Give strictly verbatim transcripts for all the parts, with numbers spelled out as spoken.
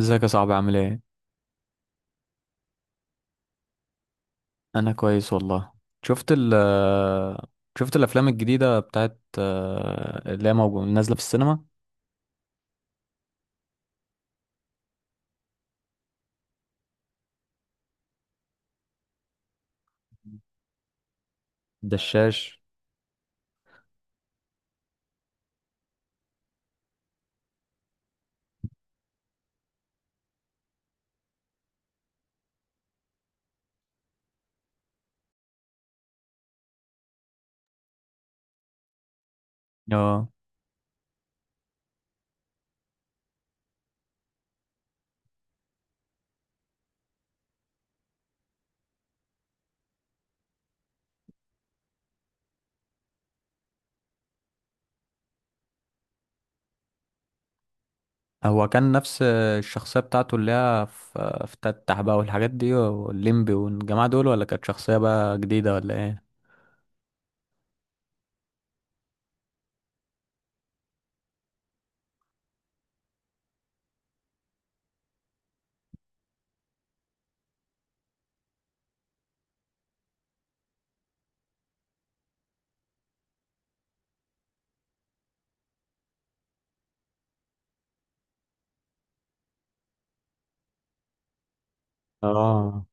ازيك يا صاحبي؟ عامل ايه؟ انا كويس والله. شفت ال شفت الافلام الجديده بتاعت آه، اللي هي موجو- نازله في السينما. دشاش. اه، هو كان نفس الشخصيه بتاعته اللي هي في في تتح بقى والحاجات دي والليمبي والجماعه دول، ولا كانت شخصيه بقى جديده ولا ايه؟ اه،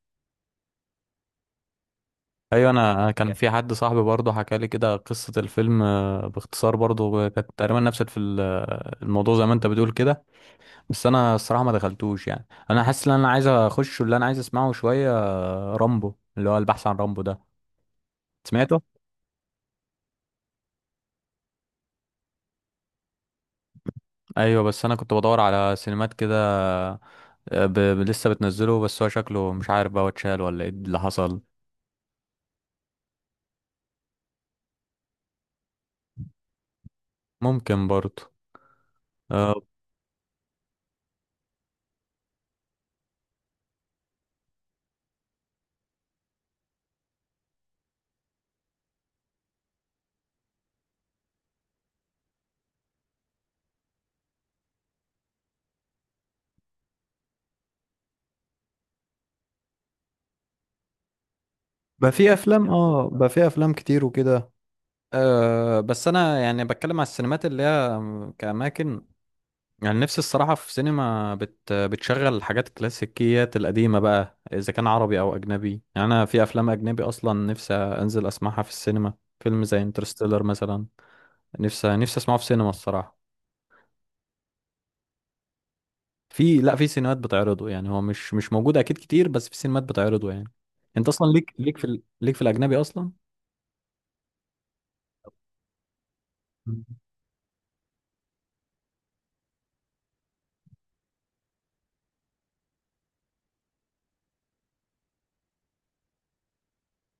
ايوه. انا كان يعني في حد صاحبي برضه حكى لي كده قصه الفيلم آه، باختصار، برضه كانت تقريبا نفس الف- الموضوع زي ما انت بتقول كده. بس انا الصراحه ما دخلتوش، يعني انا حاسس ان انا عايز اخش. واللي انا عايز اسمعه شويه رامبو، اللي هو البحث عن رامبو ده. سمعته. ايوه، بس انا كنت بدور على سينمات كده، آه، ب... ب- لسه بتنزله. بس هو شكله مش عارف بقى هو اتشال ولا ايه اللي حصل. ممكن برضه. أه... بقى في افلام، اه، بقى في افلام كتير وكده. أه بس انا يعني بتكلم على السينمات اللي هي كأماكن. يعني نفسي الصراحة في سينما بت... بتشغل الحاجات الكلاسيكيات القديمة بقى، إذا كان عربي أو أجنبي. يعني أنا في أفلام أجنبي أصلا نفسي أنزل أسمعها في السينما. فيلم زي انترستيلر مثلا، نفسي نفسي أسمعه في سينما الصراحة. في، لا، في سينمات بتعرضه. يعني هو مش مش موجود أكيد كتير، بس في سينمات بتعرضه يعني. أنت أصلا ليك ليك في ال... ليك في الأجنبي أصلا. مم.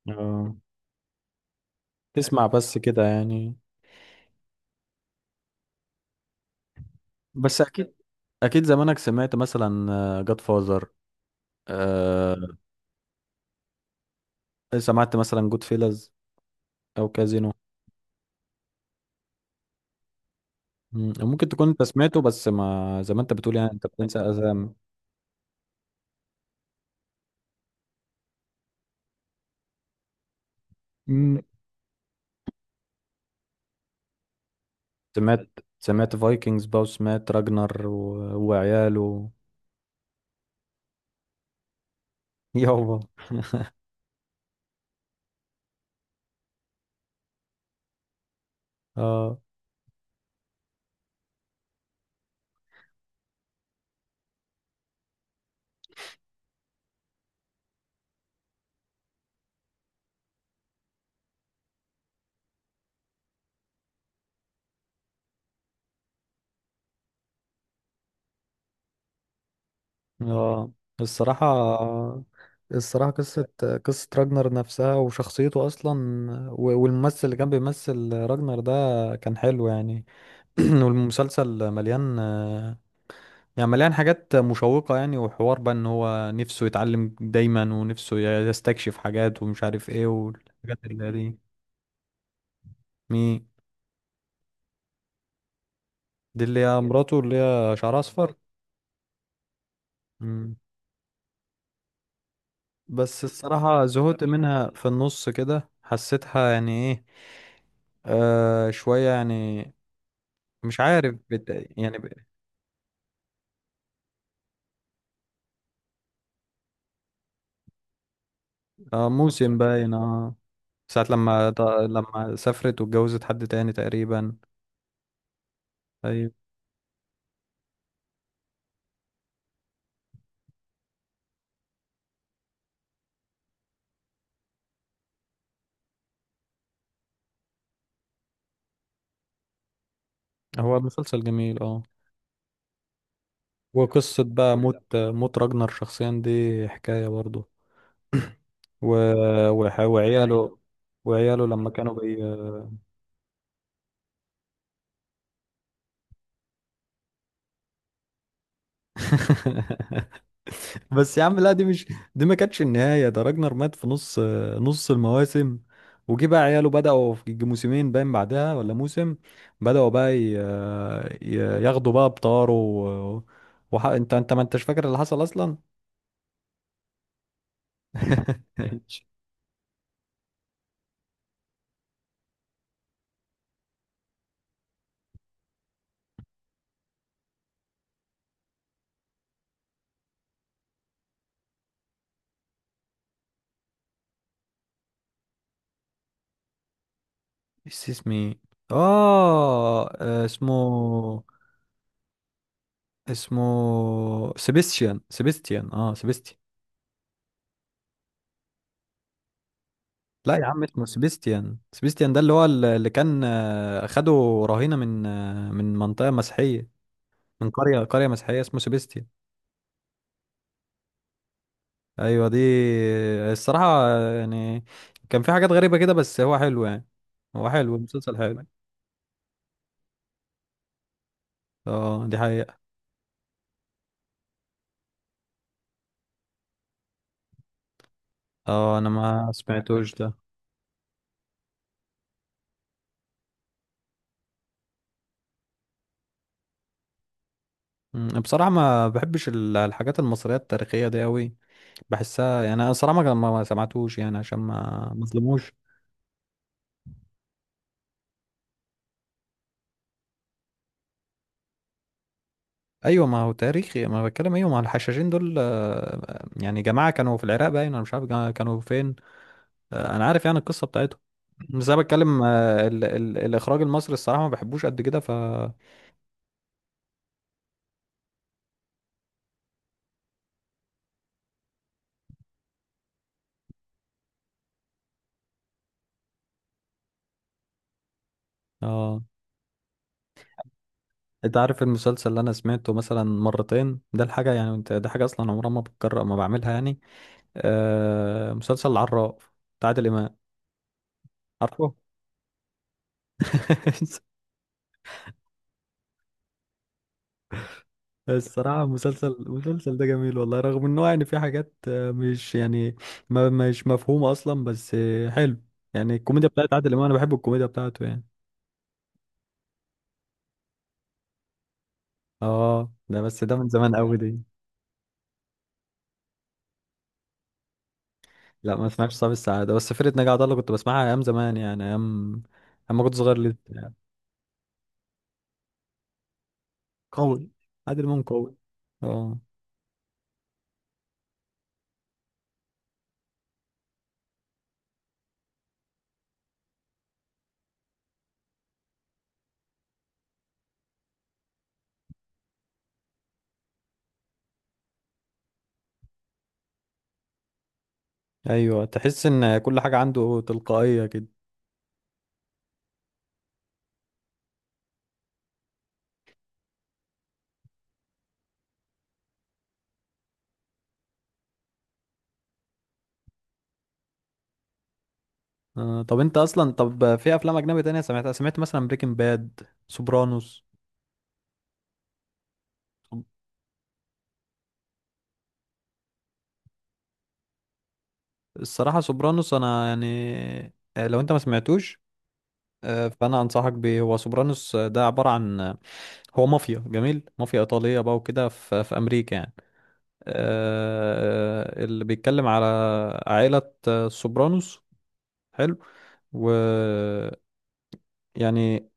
آه. تسمع بس كده يعني. بس أكيد، أكيد زمانك سمعت مثلا جاد فازر. سمعت مثلا جود فيلز، او كازينو. مم. ممكن تكون انت سمعته بس ما، زي ما انت بتقول، يعني انت بتنسى اسامي. مم. سمعت سمعت فايكنجز بقى، وسمعت راجنر و... وعياله. يابا. اه. اه. الصراحة، الصراحة قصة قصة راجنر نفسها وشخصيته أصلا، و- والممثل اللي كان بيمثل راجنر ده كان حلو يعني. والمسلسل مليان، يعني مليان حاجات مشوقة يعني، وحوار بقى ان هو نفسه يتعلم دايما ونفسه يستكشف حاجات، ومش عارف ايه والحاجات اللي هي دي. مي. دي اللي هي مراته، اللي هي شعرها اصفر. مم. بس الصراحة زهقت منها في النص كده، حسيتها يعني ايه، آه، شوية يعني. مش عارف بت... يعني ب... آه، موسم باين، اه، ساعة لما ط- لما سافرت واتجوزت حد تاني تقريبا. أيوة. هو مسلسل جميل، اه. وقصة بقى موت موت راجنر شخصيا دي حكاية برضه. و... وح- وعياله، وعياله لما كانوا بي. بس يا عم لا، دي مش دي ما كانتش النهاية. ده راجنر مات في نص نص المواسم، وجي بقى عياله بدأوا في موسمين باين بعدها ولا موسم. بدأوا بقى ي... ي- ياخدوا بقى بطاره و... وح... انت، انت ما انتش فاكر اللي حصل اصلا. ماشي. نسي اسمي. اه، آه، اسمه، اسمه سيبستيان، سيبستيان، اه، سيبستي لا يا عم اسمه سيبستيان. سيبستيان ده اللي هو ال- اللي كان آه، خده رهينة من، آه، من منطقة مسيحية، من قرية قرية مسيحية. اسمه سيبستيان. ايوه دي. الصراحة آه، يعني كان في حاجات غريبة كده، بس هو حلو يعني. هو حلو، المسلسل حلو. اه دي حقيقة. اه، انا ما سمعتوش ده. أمم، بصراحة ما بحبش ال- الحاجات المصرية التاريخية دي أوي. بحسها يعني، أنا صراحة ما ما ما سمعتوش يعني عشان ما مظلموش. ايوه ما هو تاريخي، ما أنا بتكلم. ايوه ما الحشاشين دول آه، يعني جماعه كانوا في العراق باين، انا مش عارف جا- كانوا فين. آه، انا عارف يعني القصه بتاعتهم. بس انا بتكلم آه، ال ال الاخراج المصري الصراحه ما بحبوش قد كده، ف اه. انت عارف المسلسل اللي انا سمعته مثلا مرتين ده؟ الحاجه يعني انت ده حاجه اصلا عمرها ما بتكرر، ما بعملها يعني، آه، مسلسل العراف بتاع عادل امام. عارفه. الصراحة المسلسل المسلسل ده جميل والله، رغم انه يعني في حاجات آه، مش يعني، ما مش مفهومة اصلا، بس آه، حلو يعني. الكوميديا بتاعت عادل امام، انا بحب الكوميديا بتاعته يعني. اه ده، بس ده من زمان قوي دي. لا، ما سمعتش صاحب السعادة، بس فرقة ناجي عطا الله كنت بسمعها ايام زمان، يعني ايام اما كنت صغير لسه يعني. قوي. عادل امام قوي. اه. ايوه، تحس ان كل حاجة عنده تلقائية كده. آه. طب انت اصلا، طب في افلام اجنبي تانية سمعتها؟ سمعت مثلا بريكنج باد، سوبرانوس. الصراحة سوبرانوس أنا يعني، آه، لو أنت ما سمعتوش، آه، فأنا أنصحك بيه. هو سوبرانوس آه، ده عبارة عن، آه، هو مافيا جميل، مافيا إيطالية بقى وكده في في أمريكا يعني، آه، اللي بيتكلم على عائلة آه، سوبرانوس. حلو. و يعني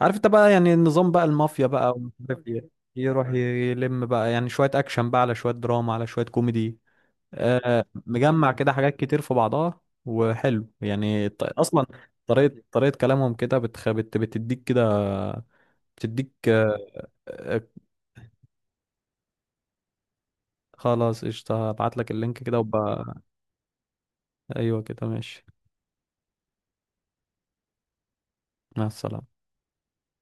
عارف أنت بقى، يعني النظام بقى، المافيا بقى، ومش عارف إيه. يروح يلم بقى يعني شوية أكشن بقى على شوية دراما على شوية كوميدي، آه، مجمع كده حاجات كتير في بعضها، وحلو يعني الط- اصلا طريقة طريقة كلامهم كده بتخ... بت... بتديك كده، بتديك آه، آه، خلاص قشطة. هبعت لك اللينك كده وب... ايوه كده ماشي. مع السلامة.